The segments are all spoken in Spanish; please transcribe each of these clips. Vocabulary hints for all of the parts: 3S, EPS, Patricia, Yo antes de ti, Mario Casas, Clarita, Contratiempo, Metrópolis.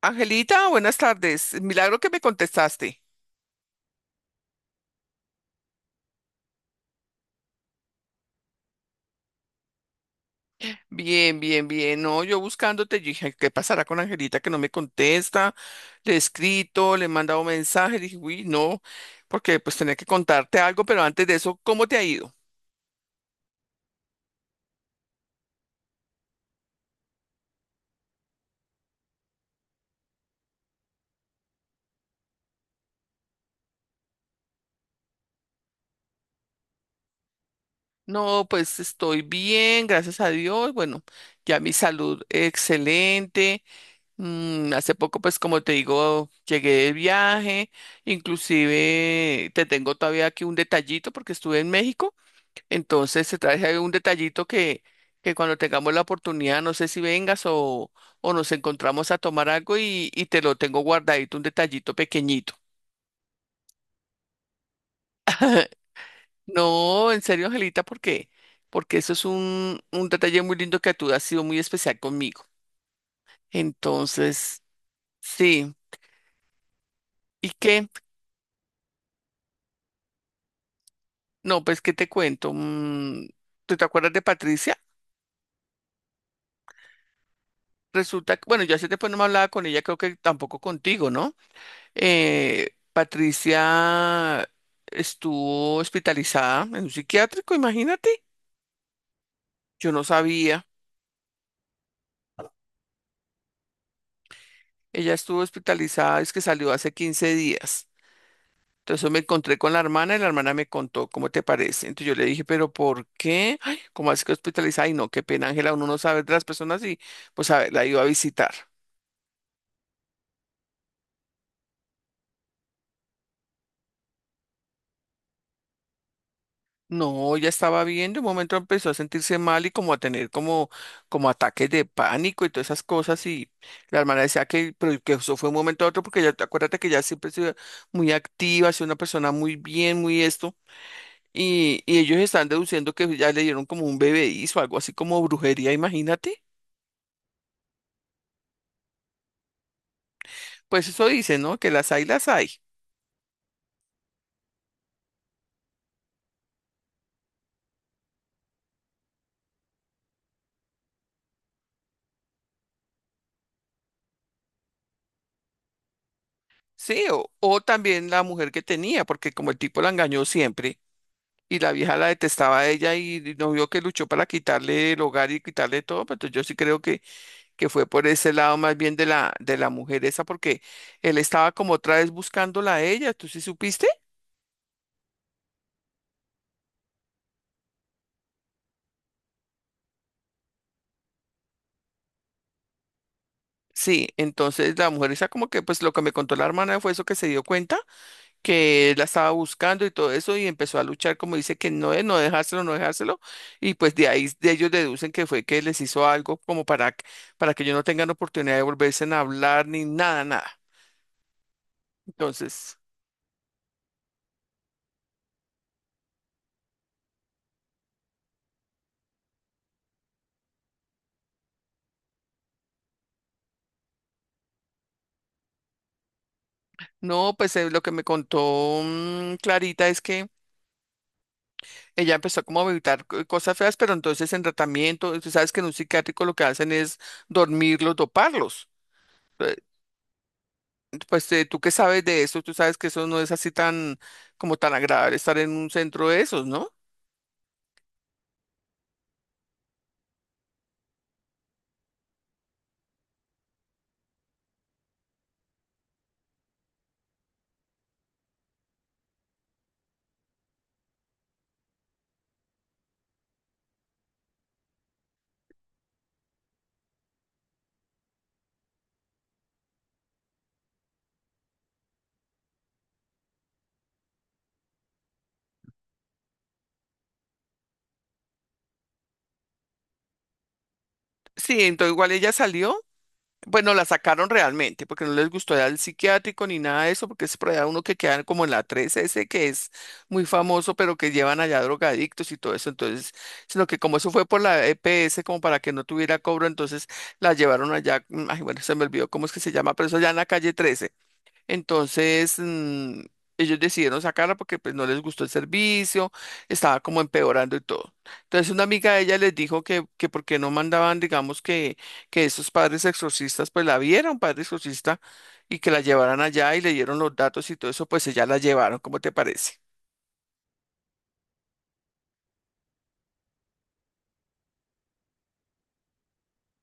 Angelita, buenas tardes. Milagro que me contestaste. Bien, bien, bien. No, yo buscándote, yo dije, ¿qué pasará con Angelita que no me contesta? Le he escrito, le he mandado mensaje, dije, uy, no, porque pues tenía que contarte algo, pero antes de eso, ¿cómo te ha ido? No, pues estoy bien, gracias a Dios. Bueno, ya mi salud excelente. Hace poco, pues como te digo, llegué de viaje. Inclusive te tengo todavía aquí un detallito porque estuve en México. Entonces se trae un detallito que cuando tengamos la oportunidad, no sé si vengas o nos encontramos a tomar algo y te lo tengo guardadito, un detallito pequeñito. No, en serio, Angelita, porque eso es un detalle muy lindo que tú has sido muy especial conmigo. Entonces, sí. ¿Y qué? No, pues, ¿qué te cuento? ¿Tú te acuerdas de Patricia? Resulta que, bueno, yo hace tiempo no me hablaba con ella, creo que tampoco contigo, ¿no? Patricia estuvo hospitalizada en un psiquiátrico, imagínate. Yo no sabía. Ella estuvo hospitalizada, es que salió hace 15 días. Entonces me encontré con la hermana y la hermana me contó, ¿cómo te parece? Entonces yo le dije, ¿pero por qué? Ay, ¿cómo así que hospitalizada? Y no, qué pena, Ángela, uno no sabe de las personas y pues a ver, la iba a visitar. No, ya estaba bien, de un momento empezó a sentirse mal y como a tener como ataques de pánico y todas esas cosas y la hermana decía que, pero que eso fue un momento a otro porque ya, acuérdate que ya siempre se muy activa, es una persona muy bien, muy esto y ellos están deduciendo que ya le dieron como un bebedizo, algo así como brujería, imagínate. Pues eso dicen, ¿no? Que las hay, las hay. Sí, o también la mujer que tenía, porque como el tipo la engañó siempre. Y la vieja la detestaba a ella y no vio que luchó para quitarle el hogar y quitarle todo, pero entonces yo sí creo que fue por ese lado más bien de la mujer esa, porque él estaba como otra vez buscándola a ella, ¿tú sí supiste? Sí, entonces la mujer esa como que pues lo que me contó la hermana fue eso que se dio cuenta, que él la estaba buscando y todo eso y empezó a luchar como dice que no, no dejárselo, no dejárselo y pues de ahí de ellos deducen que fue que les hizo algo como para, para que ellos no tengan oportunidad de volverse a hablar ni nada, nada. Entonces... No, pues lo que me contó Clarita es que ella empezó como a evitar cosas feas, pero entonces en tratamiento, tú sabes que en un psiquiátrico lo que hacen es dormirlos, doparlos. Eh, Pues tú qué sabes de eso, tú sabes que eso no es así tan como tan agradable estar en un centro de esos, ¿no? Sí, entonces igual ella salió. Bueno, la sacaron realmente porque no les gustó ir al psiquiátrico ni nada de eso, porque es por allá uno que quedan como en la 3S, que es muy famoso, pero que llevan allá drogadictos y todo eso. Entonces, sino que como eso fue por la EPS, como para que no tuviera cobro, entonces la llevaron allá. Ay, bueno, se me olvidó cómo es que se llama, pero eso allá en la calle 13. Entonces, ellos decidieron sacarla porque pues no les gustó el servicio, estaba como empeorando y todo. Entonces, una amiga de ella les dijo que por qué no mandaban, digamos, que esos padres exorcistas, pues la viera un padre exorcista y que la llevaran allá y le dieron los datos y todo eso, pues ella la llevaron, ¿cómo te parece?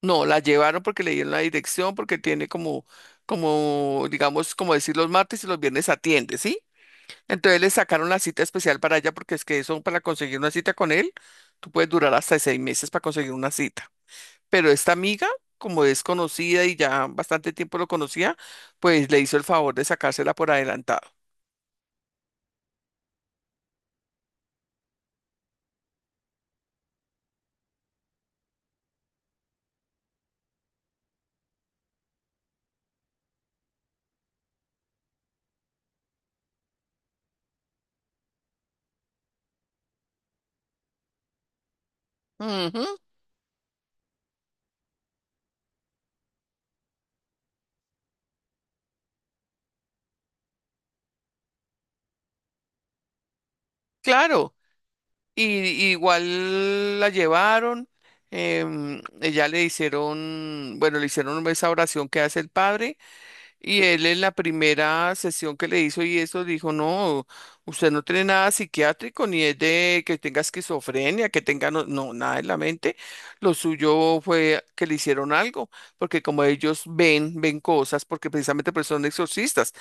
No, la llevaron porque le dieron la dirección, porque tiene como, digamos, como decir los martes y los viernes atiende, ¿sí? Entonces le sacaron la cita especial para ella porque es que eso para conseguir una cita con él, tú puedes durar hasta 6 meses para conseguir una cita. Pero esta amiga, como es conocida y ya bastante tiempo lo conocía, pues le hizo el favor de sacársela por adelantado. Ujú, claro. Y igual la llevaron, ella le hicieron, bueno, le hicieron esa oración que hace el padre. Y él en la primera sesión que le hizo y eso dijo, no, usted no tiene nada psiquiátrico, ni es de que tenga esquizofrenia, que tenga, no, no, nada en la mente. Lo suyo fue que le hicieron algo, porque como ellos ven, ven cosas, porque precisamente pues son exorcistas.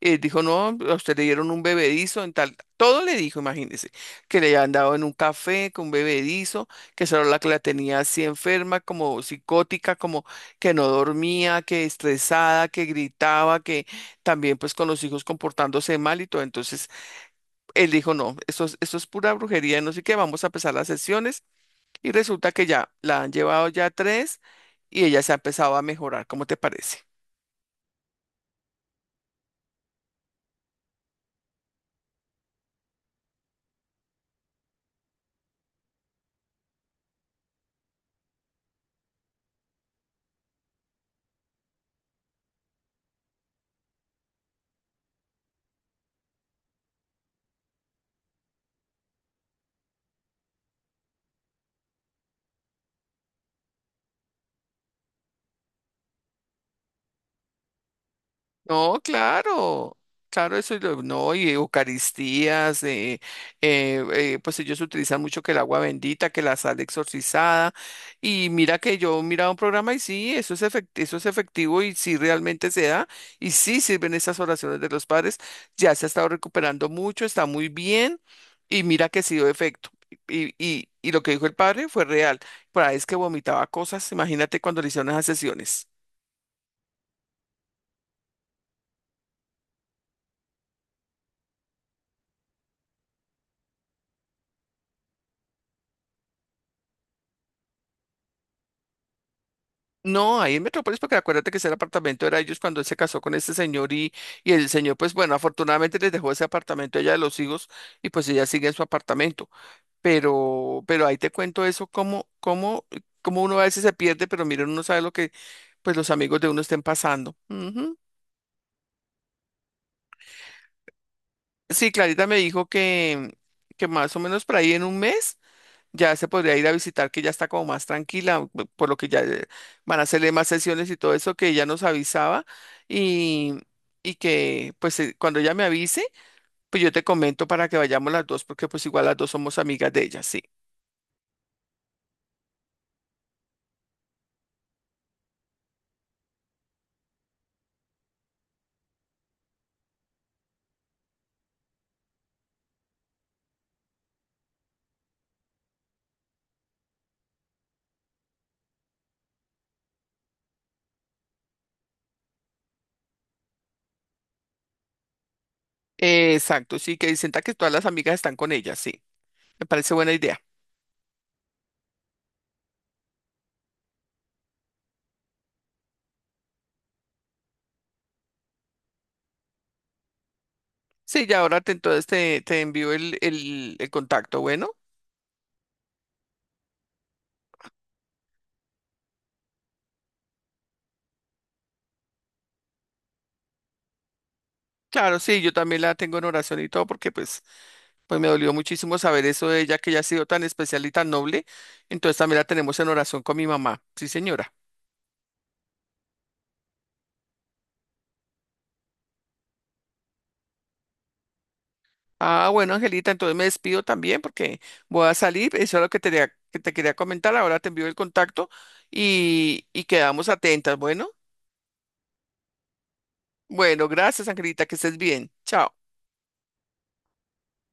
Dijo, no, a usted le dieron un bebedizo en tal, todo le dijo, imagínese, que le habían dado en un café con un bebedizo, que esa era la que la tenía así enferma, como psicótica, como que no dormía, que estresada, que gritaba, que también pues con los hijos comportándose mal y todo. Entonces él dijo, no, esto es pura brujería, no sé qué, vamos a empezar las sesiones y resulta que ya la han llevado ya tres y ella se ha empezado a mejorar. ¿Cómo te parece? No, claro, claro, eso es no, y Eucaristías, pues ellos utilizan mucho que el agua bendita, que la sal exorcizada, y mira que yo miraba un programa y sí, eso es efectivo y sí realmente se da, y sí sirven esas oraciones de los padres, ya se ha estado recuperando mucho, está muy bien, y mira que sí dio efecto. Y lo que dijo el padre fue real, por ahí es que vomitaba cosas, imagínate cuando le hicieron esas sesiones. No, ahí en Metrópolis, porque acuérdate que ese apartamento era de ellos cuando él se casó con este señor y el señor, pues bueno, afortunadamente les dejó ese apartamento a ella de los hijos y pues ella sigue en su apartamento. Pero ahí te cuento eso, cómo uno a veces se pierde, pero mira, uno no sabe lo que pues los amigos de uno estén pasando. Ujú. Sí, Clarita me dijo que más o menos por ahí en un mes. Ya se podría ir a visitar, que ya está como más tranquila, por lo que ya van a hacerle más sesiones y todo eso que ella nos avisaba y, y que pues cuando ella me avise, pues yo te comento para que vayamos las dos, porque pues igual las dos somos amigas de ella, sí. Exacto, sí, que sienta que todas las amigas están con ella, sí. Me parece buena idea. Sí, ya ahora entonces te envío el contacto, bueno. Claro, sí, yo también la tengo en oración y todo porque pues me dolió muchísimo saber eso de ella, que ella ha sido tan especial y tan noble. Entonces también la tenemos en oración con mi mamá. Sí, señora. Ah, bueno, Angelita, entonces me despido también porque voy a salir. Eso es lo que te quería comentar. Ahora te envío el contacto y quedamos atentas. Bueno, bueno, gracias, Angelita, que estés bien. Chao.